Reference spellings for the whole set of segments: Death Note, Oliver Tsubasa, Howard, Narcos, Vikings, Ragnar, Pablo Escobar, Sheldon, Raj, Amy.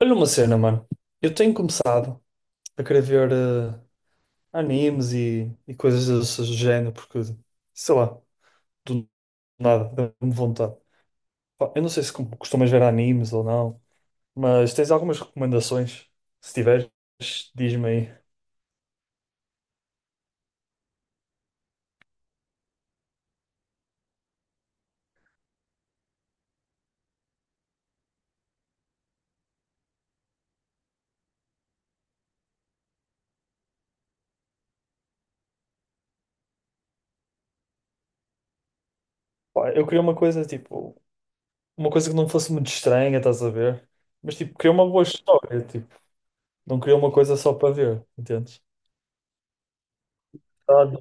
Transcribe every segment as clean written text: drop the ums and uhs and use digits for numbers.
Olha uma cena, mano. Eu tenho começado a querer ver animes e coisas desse género, porque, sei lá, do nada, dá-me vontade. Pá, eu não sei se costumas ver animes ou não, mas tens algumas recomendações? Se tiveres, diz-me aí. Pá, eu queria uma coisa, tipo, uma coisa que não fosse muito estranha, estás a ver? Mas, tipo, queria uma boa história, tipo, não queria uma coisa só para ver, entendes? Ah,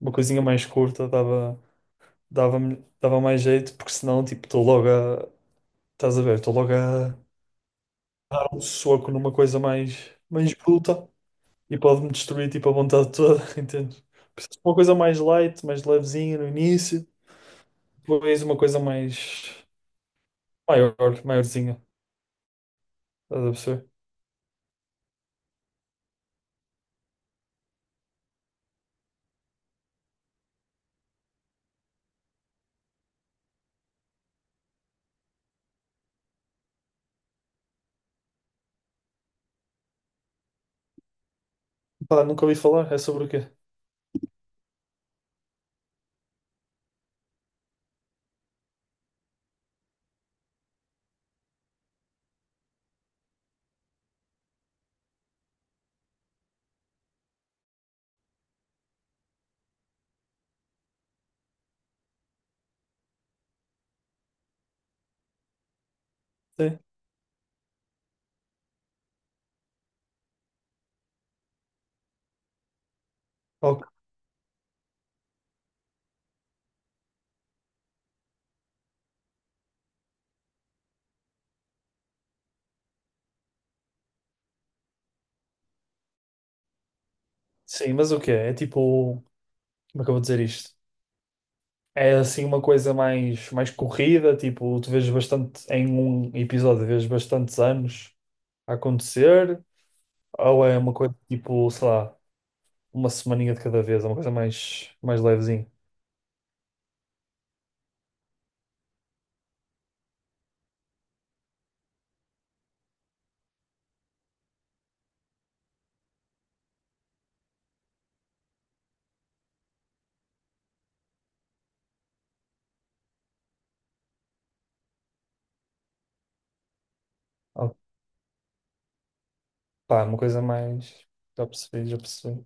uma coisinha mais curta dava, dava, dava mais jeito, porque senão, tipo, estou logo. Estás a ver? Estou logo a dar um soco numa coisa mais bruta e pode-me destruir, tipo, a vontade toda, entendes? Precisas de uma coisa mais light, mais levezinha no início, depois uma coisa mais maior, maiorzinha. Estás a perceber? Pá, nunca ouvi falar. É sobre o quê? Sim. Ok. Sim, mas o quê? É tipo. Como é que eu vou dizer isto? É assim uma coisa mais corrida, tipo, tu vês bastante em um episódio, vês bastantes anos a acontecer, ou é uma coisa tipo, sei lá, uma semaninha de cada vez, é uma coisa mais levezinha. Ah, pá, uma coisa mais. Já percebi, já percebi.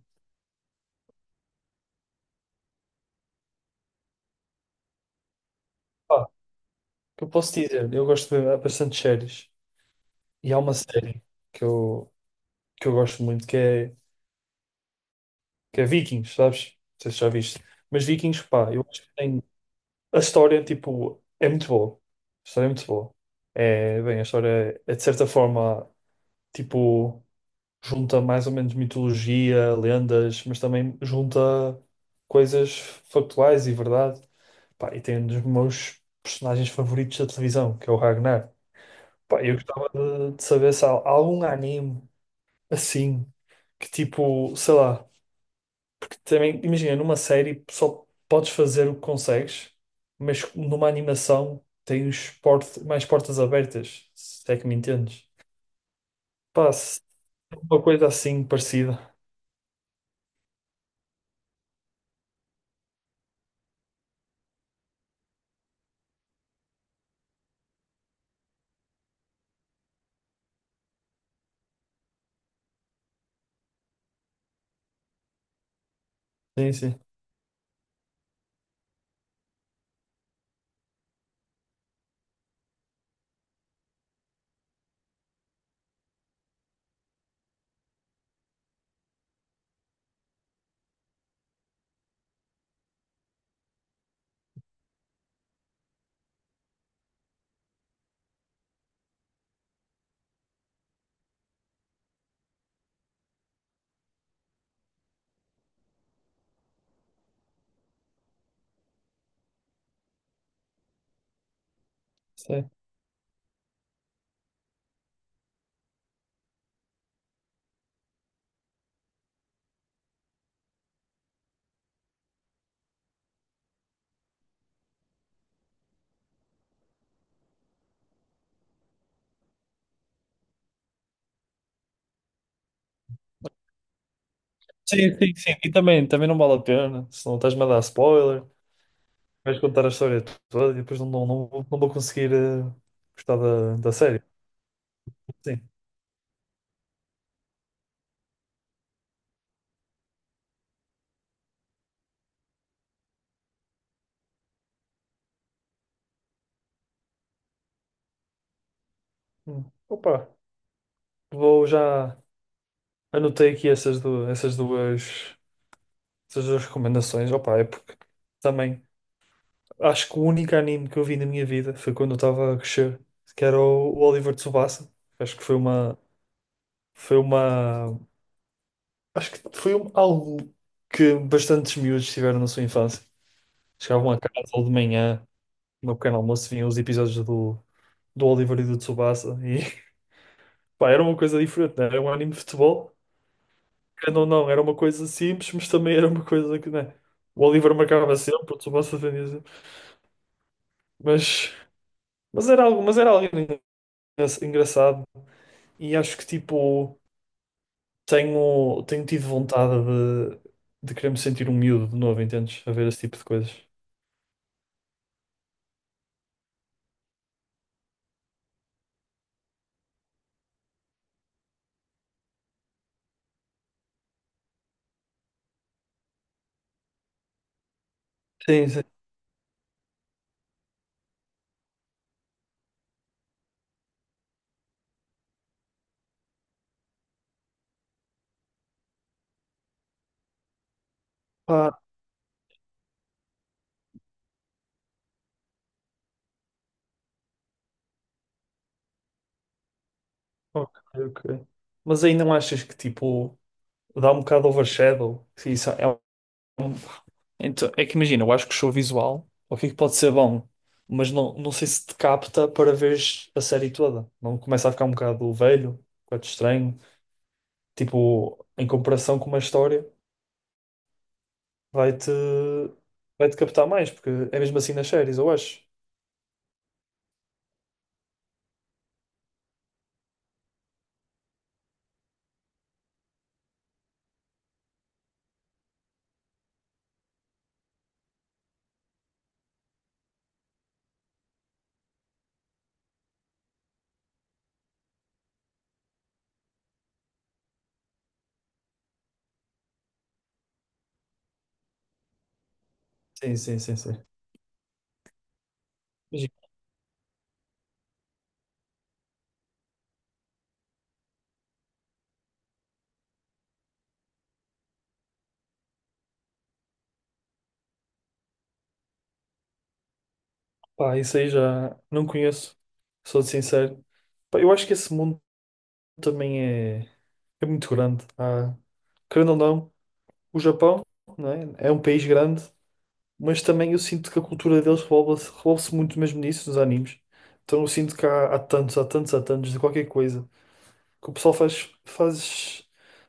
Pá, o que eu posso dizer? Eu gosto de ver bastante séries. E há uma série que eu, que eu gosto muito que é Vikings, sabes? Não sei se já viste. Mas Vikings, pá, eu acho que tem. A história, tipo, é muito boa. A história é muito boa. É, bem, a história é, de certa forma, tipo, junta mais ou menos mitologia, lendas, mas também junta coisas factuais e verdade. Pá, e tem um dos meus personagens favoritos da televisão, que é o Ragnar. Pá, eu gostava de saber se há algum anime assim, que tipo, sei lá, porque também, imagina, numa série só podes fazer o que consegues, mas numa animação tens port mais portas abertas, se é que me entendes. Pá, se tem uma coisa assim parecida. Sim, sim. Sim, sim, sim. E também, também não vale a pena, senão estás-me a dar spoiler, vais contar a história toda e depois não vou não, vou conseguir gostar da série. Sim. Hum. Opa, vou já. Anotei aqui essas duas recomendações. Opa, é porque também acho que o único anime que eu vi na minha vida foi quando eu estava a crescer, que era o Oliver Tsubasa. Acho que foi uma, acho que foi algo que bastantes miúdos tiveram na sua infância. Chegavam a casa ou de manhã, no meu pequeno almoço, vinham os episódios do Oliver e do Tsubasa. E pá, era uma coisa diferente, né? Era um anime de futebol, querendo ou não, era uma coisa simples, mas também era uma coisa que, né? O Oliver marcava sempre, o Tsubasa defendia sempre. Mas, mas era algo engraçado. E acho que, tipo, tenho, tenho tido vontade de querer me sentir um miúdo de novo, entendes? A ver esse tipo de coisas. Sim, sim. Pá, ok, ok. Mas aí não achas que, tipo, dá um bocado overshadow. Isso é um- então, é que imagina, eu acho que o show visual, o que é que pode ser bom, mas não, não sei se te capta para veres a série toda. Não começa a ficar um bocado velho, um bocado estranho. Tipo, em comparação com uma história, vai-te vai-te captar mais, porque é mesmo assim nas séries, eu acho. Sim, sim, sim, sim. Mas, pá, isso aí já não conheço, sou sincero. Pá, eu acho que esse mundo também é, é muito grande. Querendo ou não, o Japão, não é? É um país grande, mas também eu sinto que a cultura deles revolve-se muito mesmo nisso, nos animes. Então eu sinto que há tantos de qualquer coisa que o pessoal faz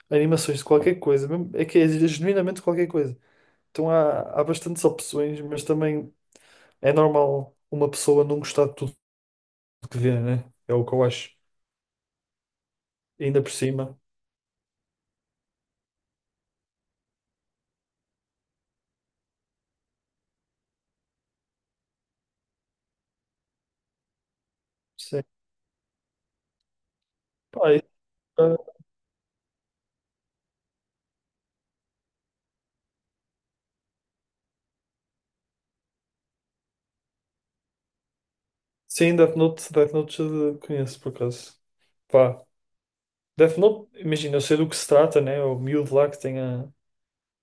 animações de qualquer coisa, é que é genuinamente qualquer coisa. Então há bastantes opções, mas também é normal uma pessoa não gostar de tudo que vê, né? É o que eu acho. Ainda por cima. Sim. Pá, e, ah, sim, Death Note, Death Note já conheço, por acaso. Pá, Death Note, imagina, eu sei do que se trata, né? O miúdo lá que tem o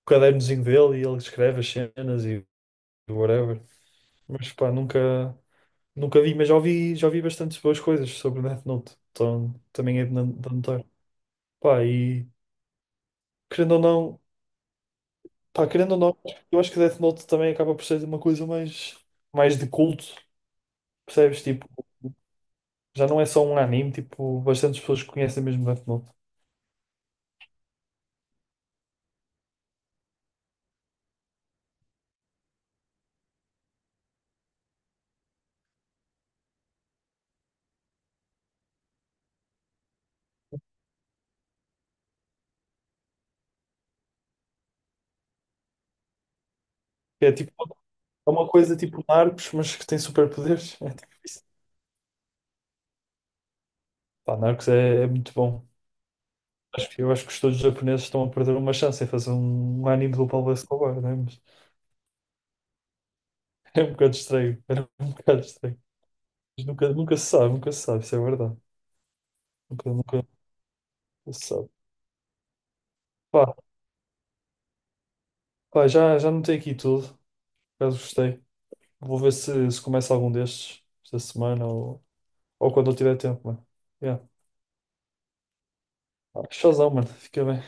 cadernozinho dele e ele escreve as cenas e whatever. Mas pá, nunca, nunca vi, mas já ouvi bastantes boas coisas sobre Death Note. Então também é de de anotar. Pá, e querendo ou não, pá, querendo ou não, eu acho que Death Note também acaba por ser uma coisa mais, mais de culto, percebes? Tipo, já não é só um anime, tipo, bastantes pessoas conhecem mesmo Death Note. É tipo, é uma coisa tipo Narcos, mas que tem superpoderes. É tipo isso. Pá, Narcos é, é muito bom. Acho que, eu acho que os todos japoneses estão a perder uma chance em fazer um anime do Pablo Escobar, né? Mas é um bocado estranho. Era um bocado estranho. Mas nunca, nunca se sabe, nunca se sabe, isso é verdade. Nunca, nunca se sabe. Pá, pá, já, já notei aqui tudo. Por acaso gostei. Vou ver se, se começa algum destes esta semana ou quando eu tiver tempo, mano. Yeah. Pá, showzão, mano. Fica bem.